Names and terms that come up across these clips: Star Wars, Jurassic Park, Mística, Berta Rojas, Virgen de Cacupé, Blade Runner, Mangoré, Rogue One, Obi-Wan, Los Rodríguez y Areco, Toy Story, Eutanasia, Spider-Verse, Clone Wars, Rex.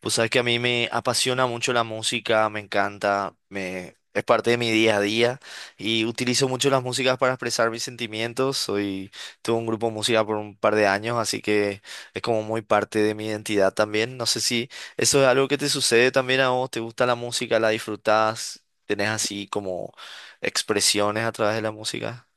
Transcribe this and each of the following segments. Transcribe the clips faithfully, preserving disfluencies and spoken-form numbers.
Pues sabes que a mí me apasiona mucho la música, me encanta, me, es parte de mi día a día y utilizo mucho las músicas para expresar mis sentimientos. Soy, tuve un grupo de música por un par de años, así que es como muy parte de mi identidad también. No sé si eso es algo que te sucede también a vos, te gusta la música, la disfrutás, tenés así como expresiones a través de la música.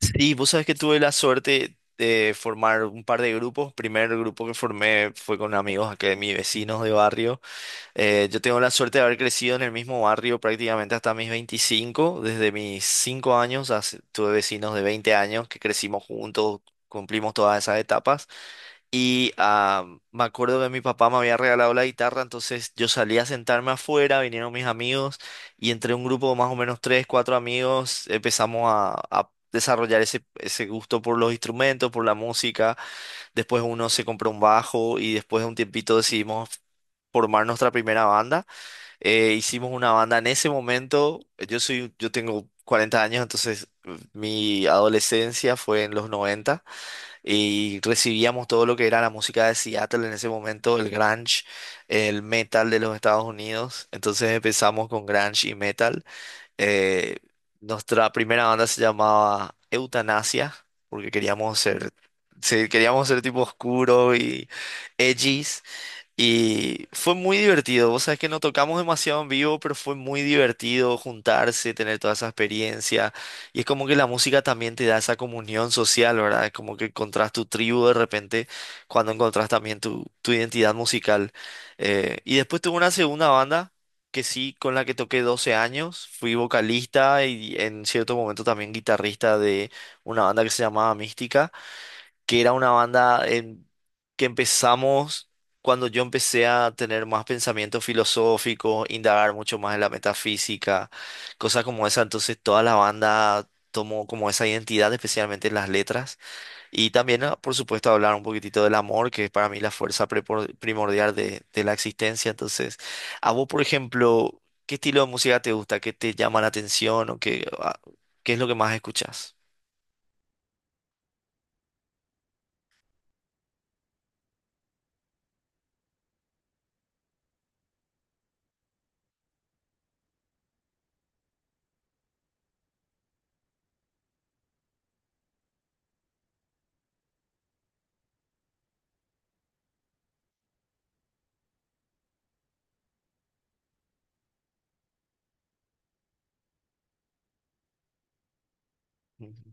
Sí, vos sabes que tuve la suerte de formar un par de grupos. Primer grupo que formé fue con amigos acá de mis vecinos de barrio. Eh, yo tengo la suerte de haber crecido en el mismo barrio prácticamente hasta mis veinticinco. Desde mis cinco años as- tuve vecinos de 20 años que crecimos juntos, cumplimos todas esas etapas. Y ah, me acuerdo que mi papá me había regalado la guitarra, entonces yo salí a sentarme afuera, vinieron mis amigos y entre un grupo de más o menos tres, cuatro amigos empezamos a, a desarrollar ese, ese gusto por los instrumentos, por la música. Después uno se compró un bajo y después de un tiempito decidimos formar nuestra primera banda. Eh, hicimos una banda en ese momento, yo soy, yo tengo cuarenta años, entonces eh, mi adolescencia fue en los noventa y recibíamos todo lo que era la música de Seattle en ese momento, el grunge, el metal de los Estados Unidos. Entonces empezamos con grunge y metal. Eh, nuestra primera banda se llamaba Eutanasia, porque queríamos ser, sí, queríamos ser tipo oscuro y edgy, y fue muy divertido. Vos sabés que no tocamos demasiado en vivo, pero fue muy divertido juntarse, tener toda esa experiencia. Y es como que la música también te da esa comunión social, ¿verdad? Es como que encontrás tu tribu de repente cuando encontrás también tu, tu identidad musical. Eh, y después tuve una segunda banda que sí, con la que toqué doce años. Fui vocalista y en cierto momento también guitarrista de una banda que se llamaba Mística que era una banda en- que empezamos cuando yo empecé a tener más pensamientos filosóficos, indagar mucho más en la metafísica, cosas como esa. Entonces toda la banda tomó como esa identidad, especialmente en las letras. Y también, ah, por supuesto, hablar un poquitito del amor, que es para mí la fuerza prepor- primordial de, de la existencia. Entonces, a vos, por ejemplo, ¿qué estilo de música te gusta? ¿Qué te llama la atención? ¿O qué, ah, qué es lo que más escuchas? Ujú,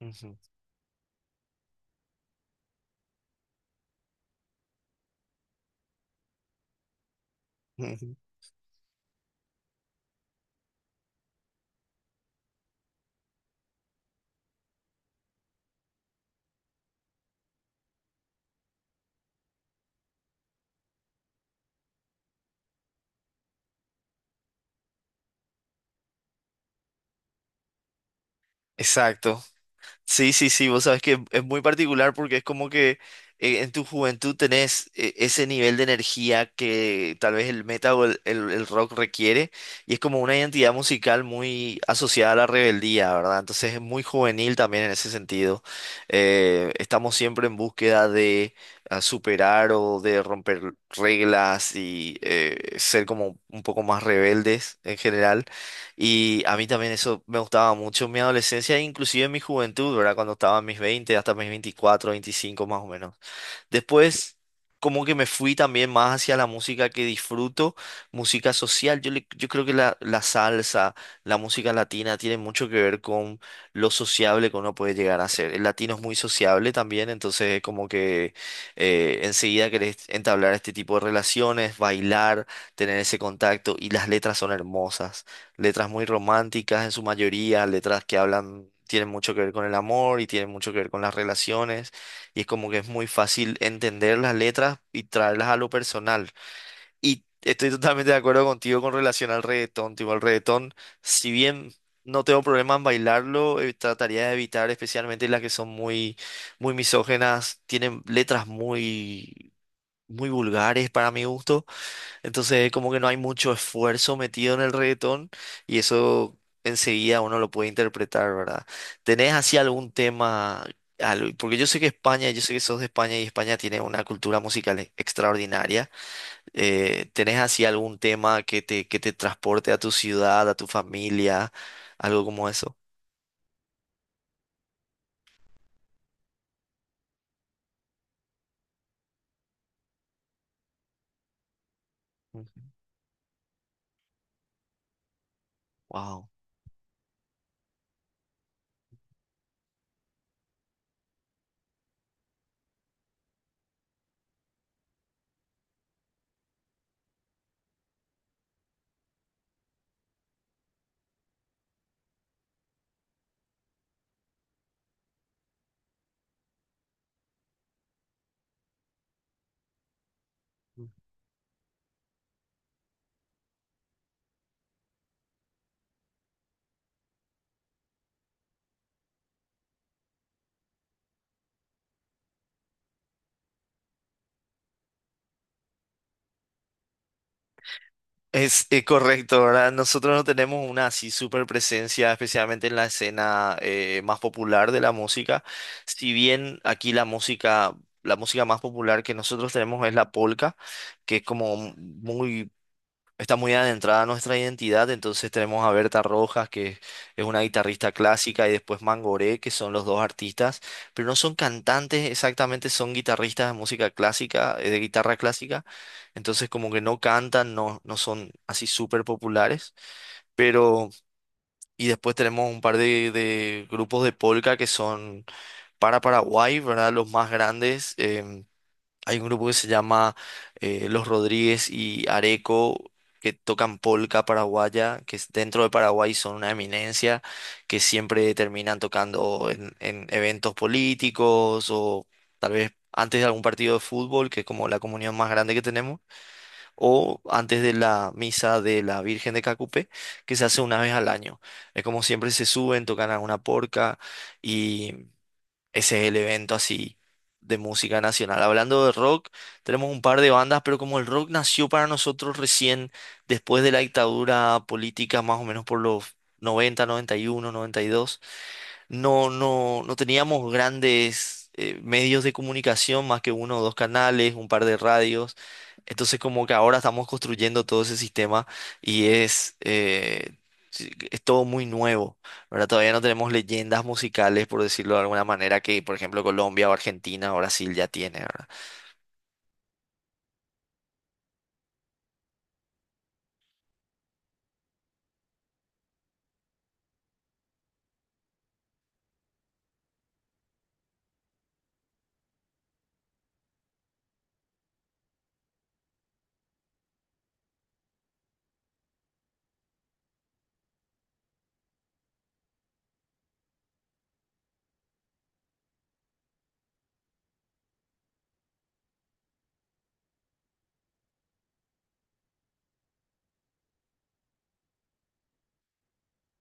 ujú, ujú. Exacto. Sí, sí, sí, vos sabés que es muy particular porque es como que eh, en tu juventud tenés eh, ese nivel de energía que tal vez el metal o el, el- el rock requiere y es como una identidad musical muy asociada a la rebeldía, ¿verdad? Entonces es muy juvenil también en ese sentido. Eh, estamos siempre en búsqueda de ah, superar o de romper reglas y eh, ser como un poco más rebeldes en general. Y a mí también eso me gustaba mucho en mi adolescencia, e inclusive en mi juventud, ¿verdad? Cuando estaba en mis veinte hasta mis veinticuatro veinticinco más o menos. Después, como que me fui también más hacia la música que disfruto, música social. Yo, le- yo creo que la, la salsa, la música latina tiene mucho que ver con lo sociable que uno puede llegar a ser. El latino es muy sociable también, entonces es como que eh, enseguida querés entablar este tipo de relaciones, bailar, tener ese contacto y las letras son hermosas. Letras muy románticas en su mayoría, letras que hablan, tienen mucho que ver con el amor y tienen mucho que ver con las relaciones. Y es como que es muy fácil entender las letras y traerlas a lo personal. Y estoy totalmente de acuerdo contigo con relación al reggaetón. Tipo, el reggaetón, si bien no tengo problema en bailarlo, eh, trataría de evitar especialmente las que son muy, muy misógenas, tienen letras muy, muy vulgares para mi gusto. Entonces, como que no hay mucho esfuerzo metido en el reggaetón y eso enseguida uno lo puede interpretar, ¿verdad? ¿Tenés así algún tema? al- Porque yo sé que España, yo sé que sos de España y España tiene una cultura musical e- extraordinaria. Eh, ¿tenés así algún tema que te, que te transporte a tu ciudad, a tu familia, algo como eso? Wow. Es, eh, correcto, ¿verdad? Nosotros no tenemos una así super presencia, especialmente en la escena eh, más popular de la música. Si bien aquí la música, la música más popular que nosotros tenemos es la polka, que es como muy está muy adentrada a nuestra identidad, entonces tenemos a Berta Rojas, que es una guitarrista clásica, y después Mangoré, que son los dos artistas, pero no son cantantes exactamente, son guitarristas de música clásica, eh, de guitarra clásica, entonces como que no cantan, no, no son así súper populares, pero... Y después tenemos un par de, de grupos de polka que son para Paraguay, ¿verdad? Los más grandes. em, hay un grupo que se llama eh, Los Rodríguez y Areco, que tocan polca paraguaya, que es- dentro de Paraguay son una eminencia, que siempre terminan tocando en, en eventos políticos o tal vez antes de algún partido de fútbol, que es como la comunión más grande que tenemos, o antes de la misa de la Virgen de Cacupé, que se hace una vez al año. Es como siempre se suben, tocan alguna porca. Ese es el evento así de música nacional. Hablando de rock, tenemos un par de bandas, pero como el rock nació para nosotros recién después de la dictadura política, más o menos por los noventa, noventa y uno, noventa y dos. No, no, no teníamos grandes eh, medios de comunicación, más que uno o dos canales, un par de radios. Entonces como que ahora estamos construyendo todo ese sistema y es, eh, sí, es todo muy nuevo, ¿verdad? Todavía no tenemos leyendas musicales, por decirlo de alguna manera, que por ejemplo Colombia o Argentina o Brasil ya tiene, ¿verdad?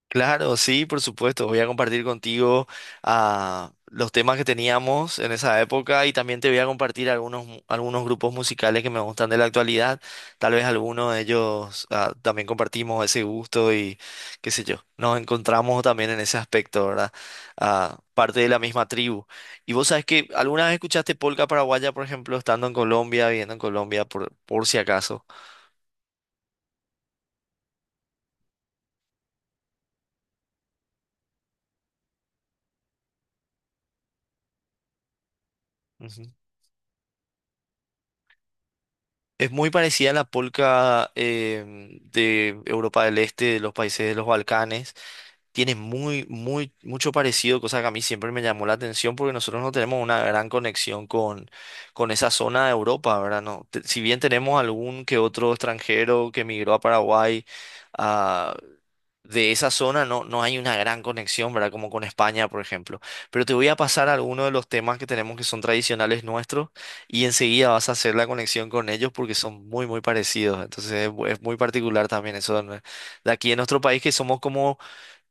Claro, sí, por supuesto. Voy a compartir contigo ah, los temas que teníamos en esa época y también te voy a compartir algunos, mu- algunos grupos musicales que me gustan de la actualidad. Tal vez algunos de ellos ah, también compartimos ese gusto y qué sé yo. Nos encontramos también en ese aspecto, ¿verdad? Ah, parte de la misma tribu. Y vos sabes que alguna vez escuchaste polca paraguaya, por ejemplo, estando en Colombia, viviendo en Colombia, por, por si acaso. Es muy parecida a la polca em, de Europa del Este, de los países de los Balcanes. Tiene muy, muy, mucho parecido, cosa que a mí siempre me llamó la atención porque nosotros no tenemos una gran conexión con, con esa zona de Europa, ¿verdad? No, te- si bien tenemos algún que otro extranjero que emigró a Paraguay, de esa zona no, no hay una gran conexión, ¿verdad? Como con España, por ejemplo. Pero te voy a pasar algunos de los temas que tenemos que son tradicionales nuestros y enseguida vas a hacer la conexión con ellos porque son muy, muy parecidos. Entonces es, mu- es muy particular también eso de, nue- de aquí en nuestro país que somos como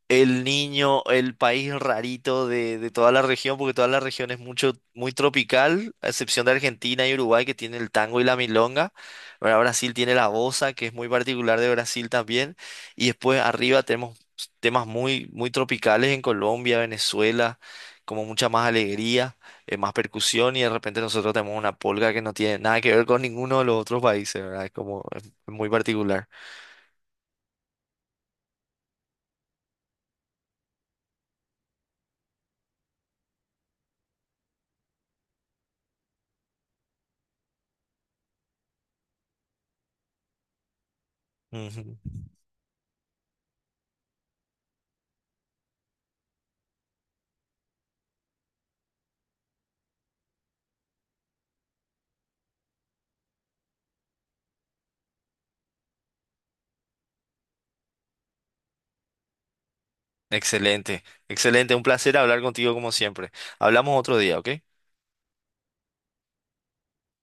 el niño, el país rarito de, de toda la región, porque toda la región es mucho, muy tropical, a excepción de Argentina y Uruguay, que tienen el tango y la milonga. Ahora Brasil tiene la bossa, que es muy particular de Brasil también. Y después arriba tenemos temas muy, muy tropicales en Colombia, Venezuela, como mucha más alegría, eh, más percusión, y de repente nosotros tenemos una polca que no tiene nada que ver con ninguno de los otros países, ¿verdad? Es como es muy particular. Ujú. Excelente, excelente. Un placer hablar contigo como siempre. Hablamos otro día, ¿ok?